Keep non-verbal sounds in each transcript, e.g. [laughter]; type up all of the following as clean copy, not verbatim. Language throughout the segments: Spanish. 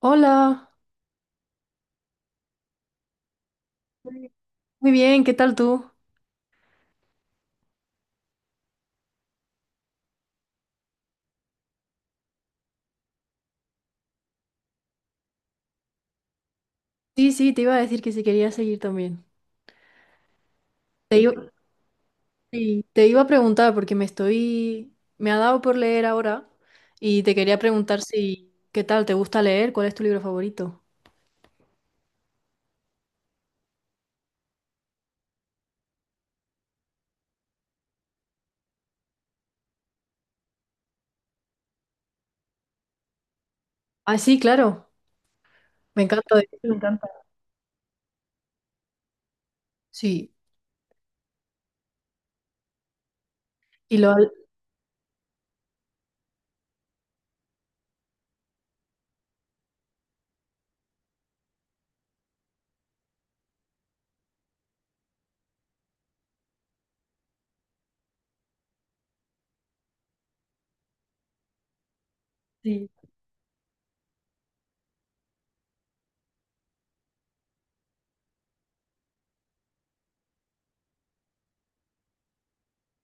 Hola, muy muy bien, ¿qué tal tú? Sí, sí, te iba a decir que si quería seguir también. Te iba, sí, te iba a preguntar porque me ha dado por leer ahora y te quería preguntar si, ¿qué tal? ¿Te gusta leer? ¿Cuál es tu libro favorito? Ah, sí, claro, me encanta. Me encanta. Sí, y lo has- sí.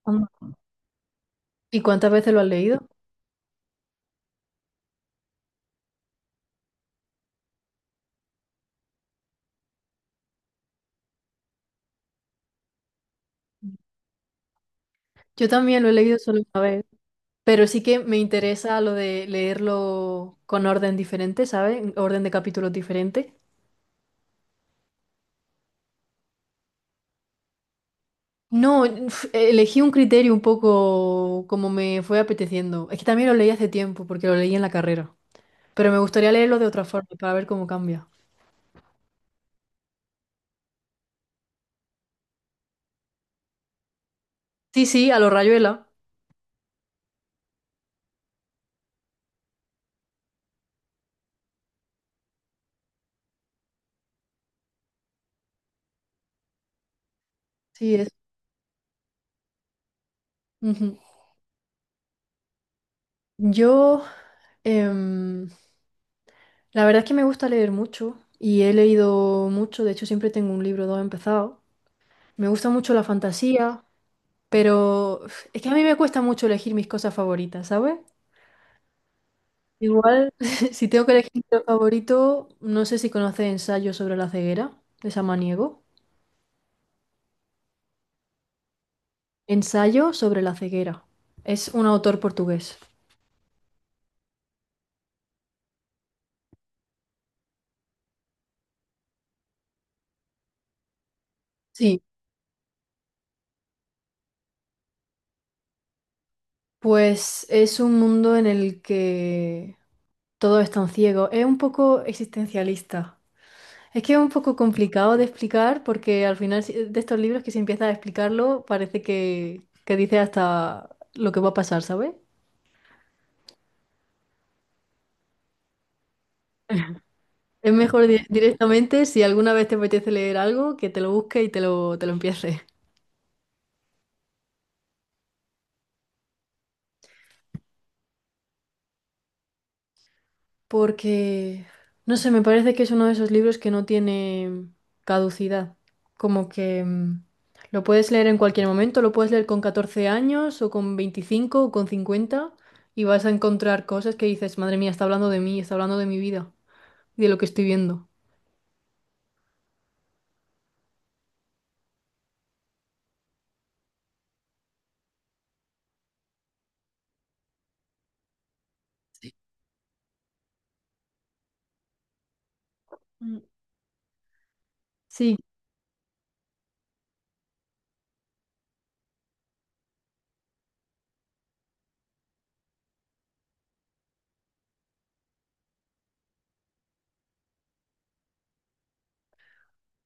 Anda. ¿Y cuántas veces lo has leído? Yo también lo he leído solo una vez, pero sí que me interesa lo de leerlo con orden diferente, ¿sabes? Orden de capítulos diferente. No, uf, elegí un criterio un poco como me fue apeteciendo. Es que también lo leí hace tiempo, porque lo leí en la carrera. Pero me gustaría leerlo de otra forma, para ver cómo cambia. Sí, sí, a lo Rayuela. Sí, es. Ujú. Yo, em, la verdad es que me gusta leer mucho y he leído mucho. De hecho, siempre tengo un libro, o dos empezado. Me gusta mucho la fantasía, pero uf, es que a mí me cuesta mucho elegir mis cosas favoritas, ¿sabes? Igual, [laughs] si tengo que elegir mi libro favorito, no sé si conoces Ensayo sobre la ceguera, de Samaniego. Ensayo sobre la ceguera. Es un autor portugués. Sí, pues es un mundo en el que todos están ciegos. Es un poco existencialista. Es que es un poco complicado de explicar porque al final de estos libros que si empiezas a explicarlo parece que dice hasta lo que va a pasar, ¿sabes? Es mejor directamente, si alguna vez te apetece leer algo, que te lo busques y te lo empieces. Porque, no sé, me parece que es uno de esos libros que no tiene caducidad. Como que lo puedes leer en cualquier momento, lo puedes leer con 14 años o con 25 o con 50 y vas a encontrar cosas que dices, madre mía, está hablando de mí, está hablando de mi vida y de lo que estoy viendo. Mm, Sí,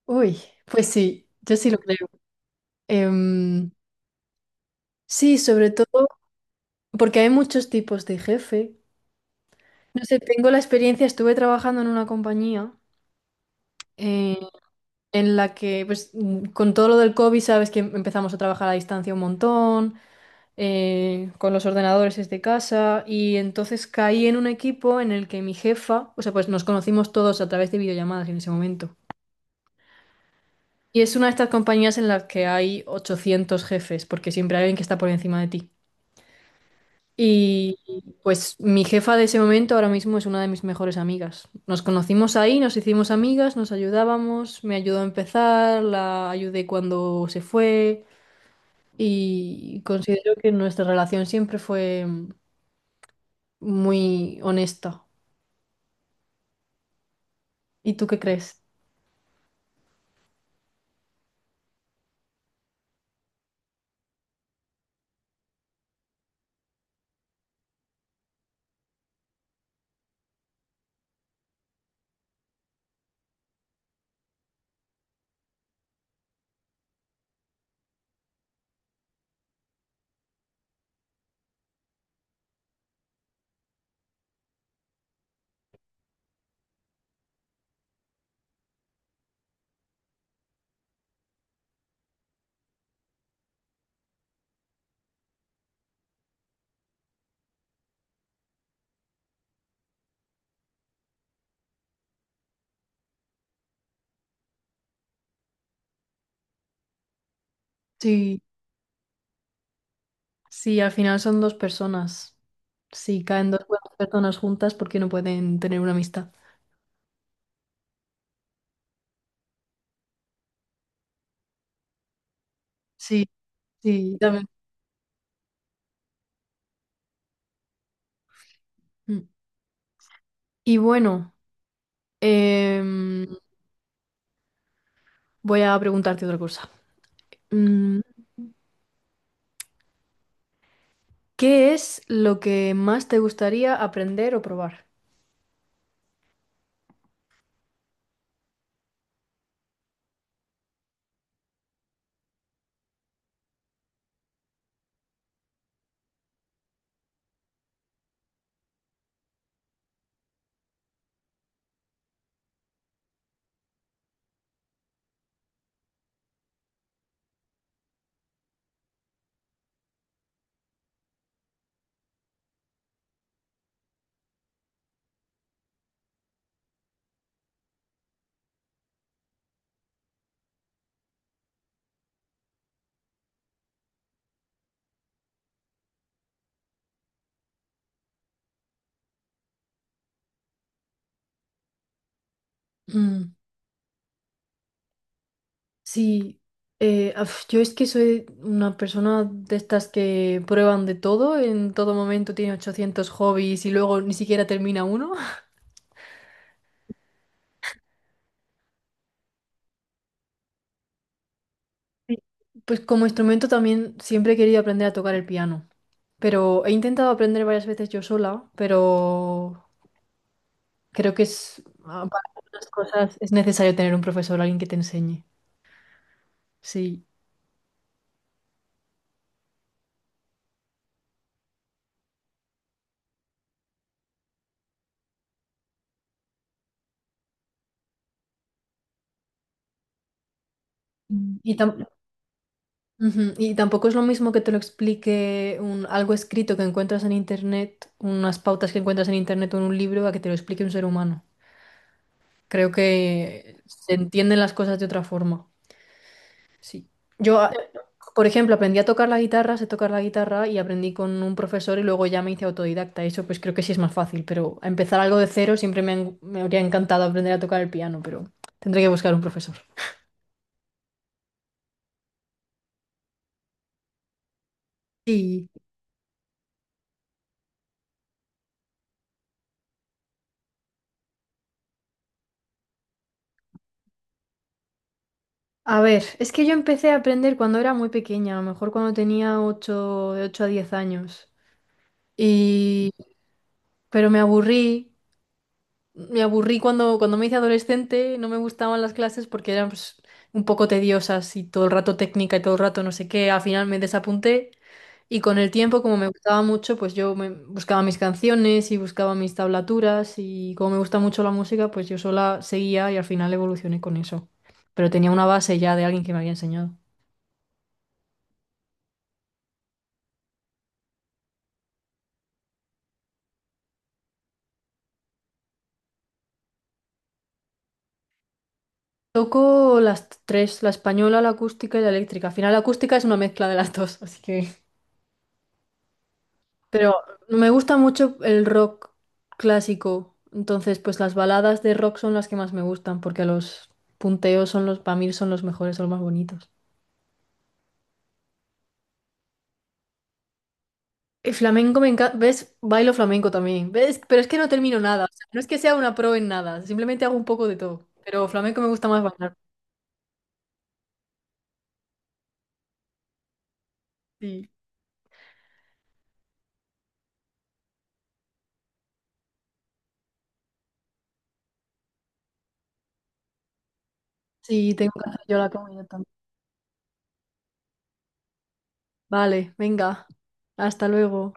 uy, pues sí, yo sí lo creo. Em, sí, sobre todo. Porque hay muchos tipos de jefe. No sé, tengo la experiencia, estuve trabajando en una compañía eh, en la que, pues, con todo lo del COVID, sabes que empezamos a trabajar a distancia un montón, con los ordenadores desde casa, y entonces caí en un equipo en el que mi jefa, o sea, pues nos conocimos todos a través de videollamadas en ese momento. Y es una de estas compañías en las que hay 800 jefes, porque siempre hay alguien que está por encima de ti. Y pues mi jefa de ese momento ahora mismo es una de mis mejores amigas. Nos conocimos ahí, nos hicimos amigas, nos ayudábamos, me ayudó a empezar, la ayudé cuando se fue y considero que nuestra relación siempre fue muy honesta. ¿Y tú qué crees? Sí, sí, al final son dos personas. Si caen dos buenas personas juntas, ¿por qué no pueden tener una amistad? Sí, sí, también. Mm. Y bueno, em, voy a preguntarte otra cosa. Mm, ¿Qué es lo que más te gustaría aprender o probar? Mm, Sí, yo es que soy una persona de estas que prueban de todo, en todo momento tiene 800 hobbies y luego ni siquiera termina uno. Sí. Pues como instrumento también siempre he querido aprender a tocar el piano, pero he intentado aprender varias veces yo sola, pero creo que es, ah, para algunas cosas es necesario tener un profesor, alguien que te enseñe. Sí. Mm. Ujú. Y tampoco es lo mismo que te lo explique algo escrito que encuentras en internet, unas pautas que encuentras en internet o en un libro, a que te lo explique un ser humano. Creo que se entienden las cosas de otra forma. Sí. Yo, a- por ejemplo, aprendí a tocar la guitarra, sé tocar la guitarra y aprendí con un profesor y luego ya me hice autodidacta. Eso pues creo que sí es más fácil, pero empezar algo de cero siempre me habría encantado aprender a tocar el piano, pero tendré que buscar un profesor. Sí. A ver, es que yo empecé a aprender cuando era muy pequeña, a lo mejor cuando tenía de 8 a 10 años. Y... Pero me aburrí cuando, cuando me hice adolescente, no me gustaban las clases porque eran pues, un poco tediosas y todo el rato técnica y todo el rato no sé qué. Al final me desapunté y con el tiempo, como me gustaba mucho, pues buscaba mis canciones y buscaba mis tablaturas y como me gusta mucho la música, pues yo sola seguía y al final evolucioné con eso. Pero tenía una base ya de alguien que me había enseñado. Toco las tres, la española, la acústica y la eléctrica. Al final la acústica es una mezcla de las dos, así que... Pero me gusta mucho el rock clásico, entonces pues las baladas de rock son las que más me gustan, porque los punteos son los, para mí son los mejores, son los más bonitos. El flamenco me encanta, ¿ves? Bailo flamenco también, ¿ves? Pero es que no termino nada, o sea, no es que sea una pro en nada, simplemente hago un poco de todo, pero flamenco me gusta más bailar. Sí, sí, tengo que hacer yo la comida también. Vale, venga, hasta luego.